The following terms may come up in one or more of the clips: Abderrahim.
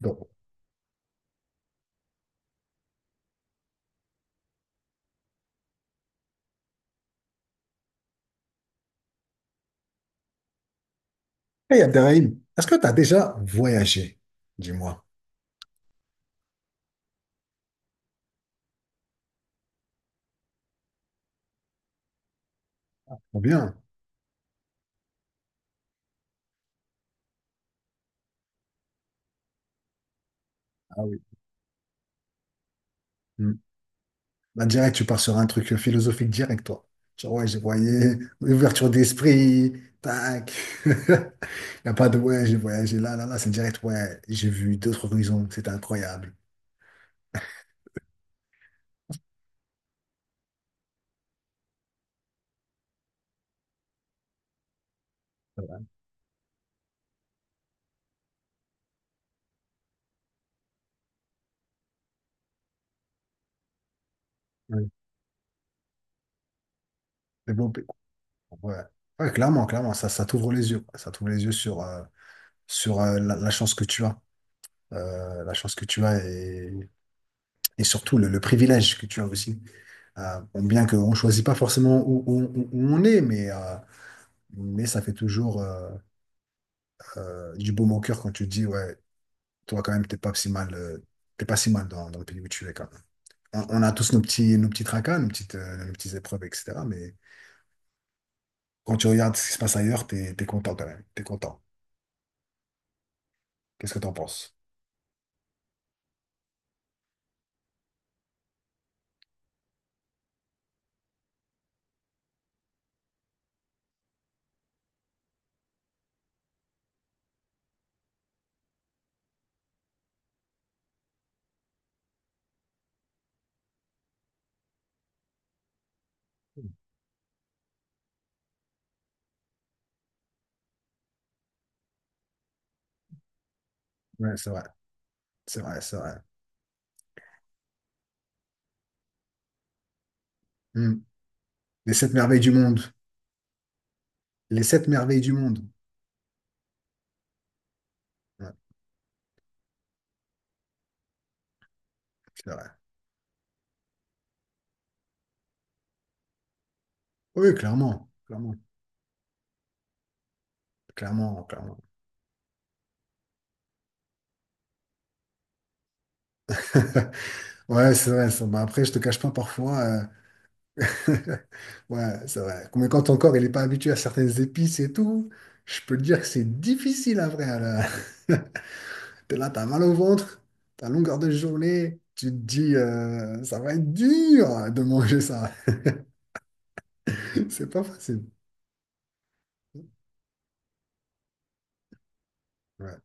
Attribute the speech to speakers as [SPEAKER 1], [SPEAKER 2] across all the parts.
[SPEAKER 1] Donc, hey Abderrahim, est-ce que tu as déjà voyagé, dis-moi? Ou bien? Ah oui. Hmm. Là, direct, tu pars sur un truc philosophique direct, toi. Genre, ouais, j'ai voyagé, ouverture d'esprit, tac. Il n'y a pas de ouais, j'ai voyagé là, là, là, c'est direct, ouais, j'ai vu d'autres horizons, c'était incroyable. C'est vrai. Ouais. Développé. Ouais. Ouais, clairement, clairement, ça t'ouvre les yeux, quoi. Ça t'ouvre les yeux sur la chance que tu as. La chance que tu as et surtout le privilège que tu as aussi. Bon, bien qu'on ne choisit pas forcément où on est, mais ça fait toujours du baume au cœur quand tu te dis, ouais, toi quand même, t'es pas si mal, dans le pays où tu es quand même. On a tous nos petits, tracas, nos petites épreuves, etc. Mais quand tu regardes ce qui se passe ailleurs, t'es content quand même. T'es content. Qu'est-ce que t'en penses? Ouais, c'est vrai. C'est vrai, c'est vrai. Hmm. Les sept merveilles du monde. Les sept merveilles du monde. Ouais, c'est vrai. Oui, clairement. Clairement. Clairement, clairement. Ouais, c'est vrai, ça. Bah, après, je te cache pas parfois. Ouais, c'est vrai. Mais quand ton corps il n'est pas habitué à certaines épices et tout, je peux te dire que c'est difficile après, là. T'es là, t'as mal au ventre, t'as longueur de journée. Tu te dis, ça va être dur de manger ça. C'est pas facile. Ouais.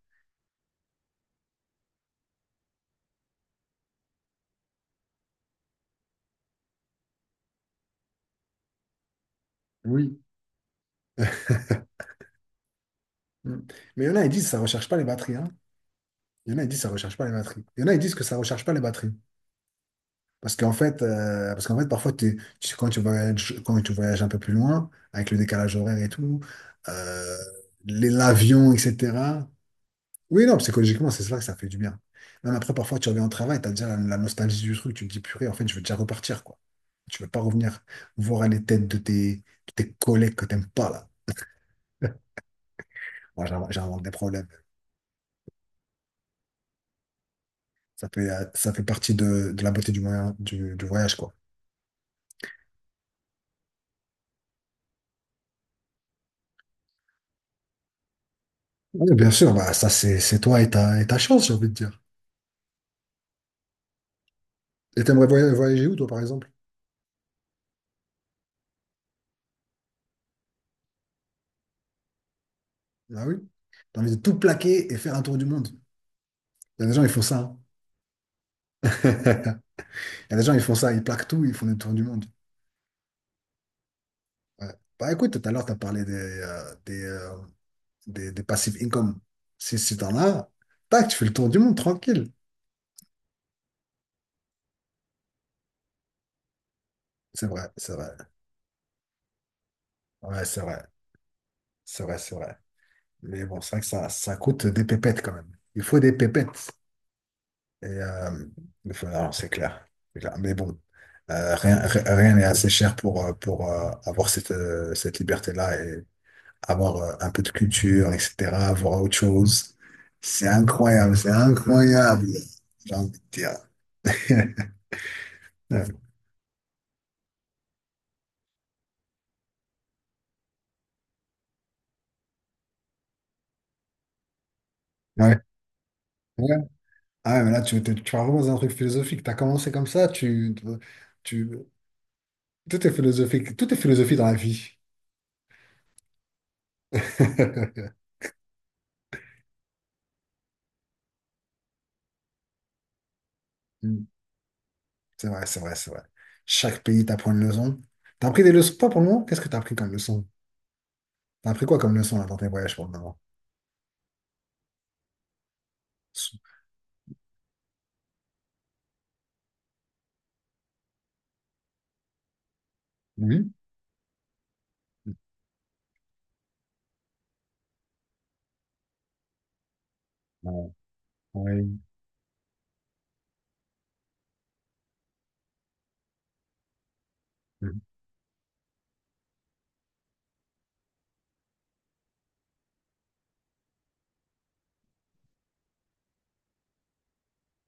[SPEAKER 1] Oui. Mm. Mais il y en a, ils disent que ça ne recharge pas les batteries, hein. Il y en a, ils disent que ça ne recharge pas les batteries. Il y en a, ils disent que ça ne recharge pas les batteries. Parce qu'en fait parfois, quand tu voyages un peu plus loin, avec le décalage horaire et tout, euh, l'avion, etc., Oui, non, psychologiquement, c'est ça que ça fait du bien. Même après, parfois, tu reviens au travail, tu as déjà la nostalgie du truc, tu te dis, purée, en fait, je veux déjà repartir, quoi. Tu veux pas revenir voir les têtes de tes, collègues que t'aimes pas, là. Moi, j'invente des problèmes. Ça fait partie de la beauté du voyage, quoi. Oui, bien sûr, bah, ça, c'est toi et ta, chance, j'ai envie de dire. Et t'aimerais voyager où, toi, par exemple? Ah oui? T'as envie de tout plaquer et faire un tour du monde. Il y a des gens, ils font ça, hein. Il y a des gens, ils font ça, ils plaquent tout, ils font des tours du monde. Ouais. Bah écoute, tout à l'heure, tu as parlé des passive income. Si t'en as, tac, tu fais le tour du monde tranquille. C'est vrai, c'est vrai. Ouais, c'est vrai. C'est vrai, c'est vrai. Mais bon, c'est vrai que ça coûte des pépettes quand même. Il faut des pépettes. Et non, c'est clair. C'est clair. Mais bon, rien, rien n'est assez cher pour, avoir cette liberté-là et avoir un peu de culture, etc., voir autre chose. C'est incroyable, c'est incroyable. J'ai envie de dire. Ouais, ouais. Ouais. Ah, mais là, tu vas vraiment dans un truc philosophique. Tu as commencé comme ça, tu, tout est philosophique. Tout est philosophie dans la vie. Mm. C'est vrai, c'est vrai, c'est vrai. Chaque pays t'apprend une leçon. T'as appris des leçons, pas pour le moment? Qu'est-ce que t'as appris comme leçon? T'as appris quoi comme leçon là, dans tes voyages pour le moment? Oui. Oui.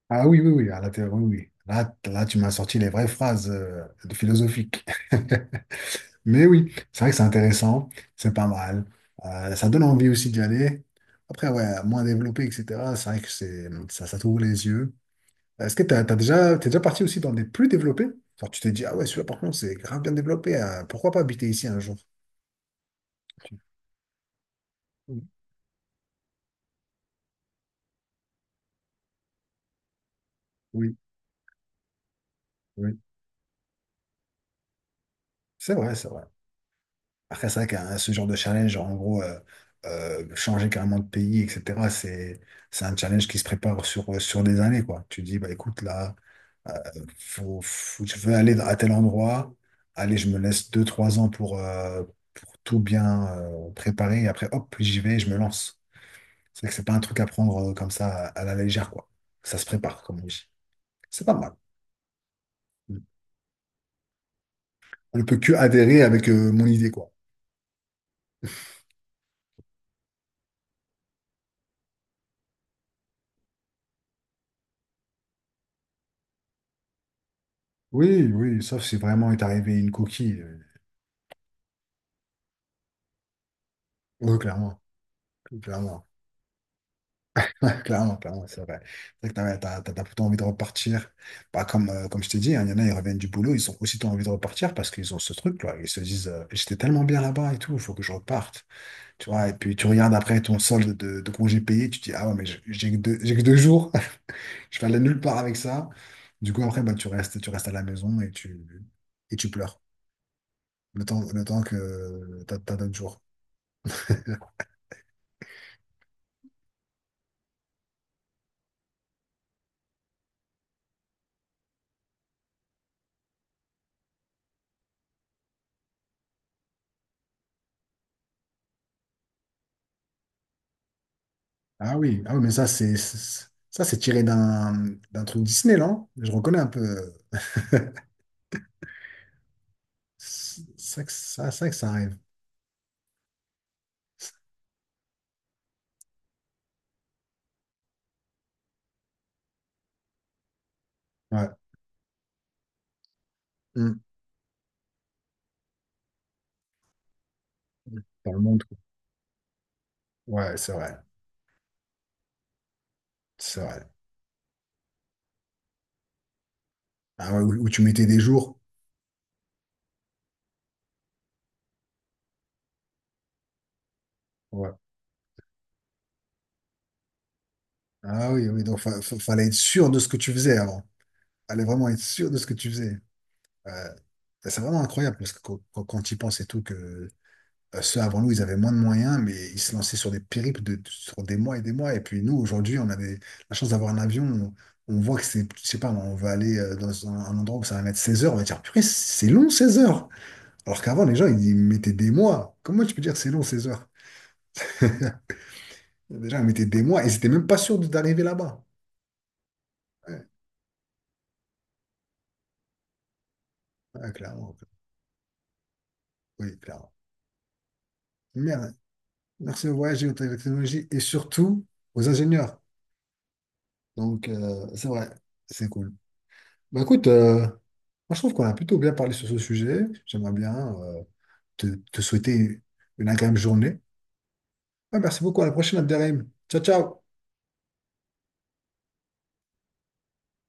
[SPEAKER 1] Ah oui, oui, oui, à l'intérieur, oui, oui. Là, là, tu m'as sorti les vraies phrases de philosophiques. Mais oui, c'est vrai que c'est intéressant, c'est pas mal. Ça donne envie aussi d'y aller. Après, ouais, moins développé, etc. C'est vrai que c'est, ça t'ouvre les yeux. Est-ce que t'as t'es déjà parti aussi dans des plus développés? Genre, tu t'es dit, ah ouais, celui-là, par contre, c'est grave bien développé. Pourquoi pas habiter ici un jour? Oui, oui, oui. C'est vrai, c'est vrai. Après, c'est vrai qu'un ce genre de challenge, genre, en gros, changer carrément de pays, etc., c'est, un challenge qui se prépare sur des années, quoi. Tu dis, bah écoute, là, euh, je veux aller à tel endroit, allez, je me laisse deux trois ans pour tout bien préparer, et après, hop, j'y vais, je me lance. C'est vrai que c'est pas un truc à prendre comme ça à la légère, quoi. Ça se prépare, comme on dit. C'est pas mal. On ne peut que adhérer avec mon idée, quoi. Oui, oui, sauf si vraiment est arrivé une coquille. Oui, clairement. Clairement, clairement, clairement, c'est vrai. C'est vrai que t'as plutôt envie de repartir. Bah, comme je t'ai dit, hein, il y en a, ils reviennent du boulot, ils ont aussitôt envie de repartir parce qu'ils ont ce truc, là. Ils se disent, j'étais tellement bien là-bas et tout, il faut que je reparte. Tu vois, et puis tu regardes après ton solde de congé payé, tu te dis, ah ouais, mais j'ai que deux, j'ai que 2 jours, je vais aller nulle part avec ça. Du coup, après, bah, tu restes à la maison et tu pleures. Le temps que t'as d'autres jours. Ah oui, ah oui, mais ça, ça, c'est tiré d'un truc Disney, non? Je reconnais un peu. C'est ça, ça, ça que ça arrive. Ouais. Mm. Dans le monde, quoi. Ouais, c'est vrai. C'est vrai. Ah ouais, où tu mettais des jours. Ouais. Ah oui, oui, donc fallait être sûr de ce que tu faisais avant. Fallait vraiment être sûr de ce que tu faisais. Ouais. C'est vraiment incroyable parce que quand tu y penses et tout, que ceux avant nous, ils avaient moins de moyens, mais ils se lançaient sur des périples sur des mois. Et puis nous, aujourd'hui, on a la chance d'avoir un avion. On voit que c'est, je sais pas, on va aller dans un endroit où ça va mettre 16 heures. On va dire, purée, c'est long 16 heures. Alors qu'avant, les gens, ils mettaient des mois. Comment tu peux dire c'est long 16 heures? Déjà, ils mettaient des mois et ils n'étaient même pas sûrs d'arriver là-bas. Ouais, ouais, clairement. Oui, clairement. Merde. Merci aux voyageurs, aux technologies et surtout aux ingénieurs. Donc, c'est vrai, c'est cool. Bah écoute, moi, je trouve qu'on a plutôt bien parlé sur ce sujet. J'aimerais bien te, te, souhaiter une agréable journée. Ah, merci beaucoup. À la prochaine, Abderrahim. Ciao, ciao.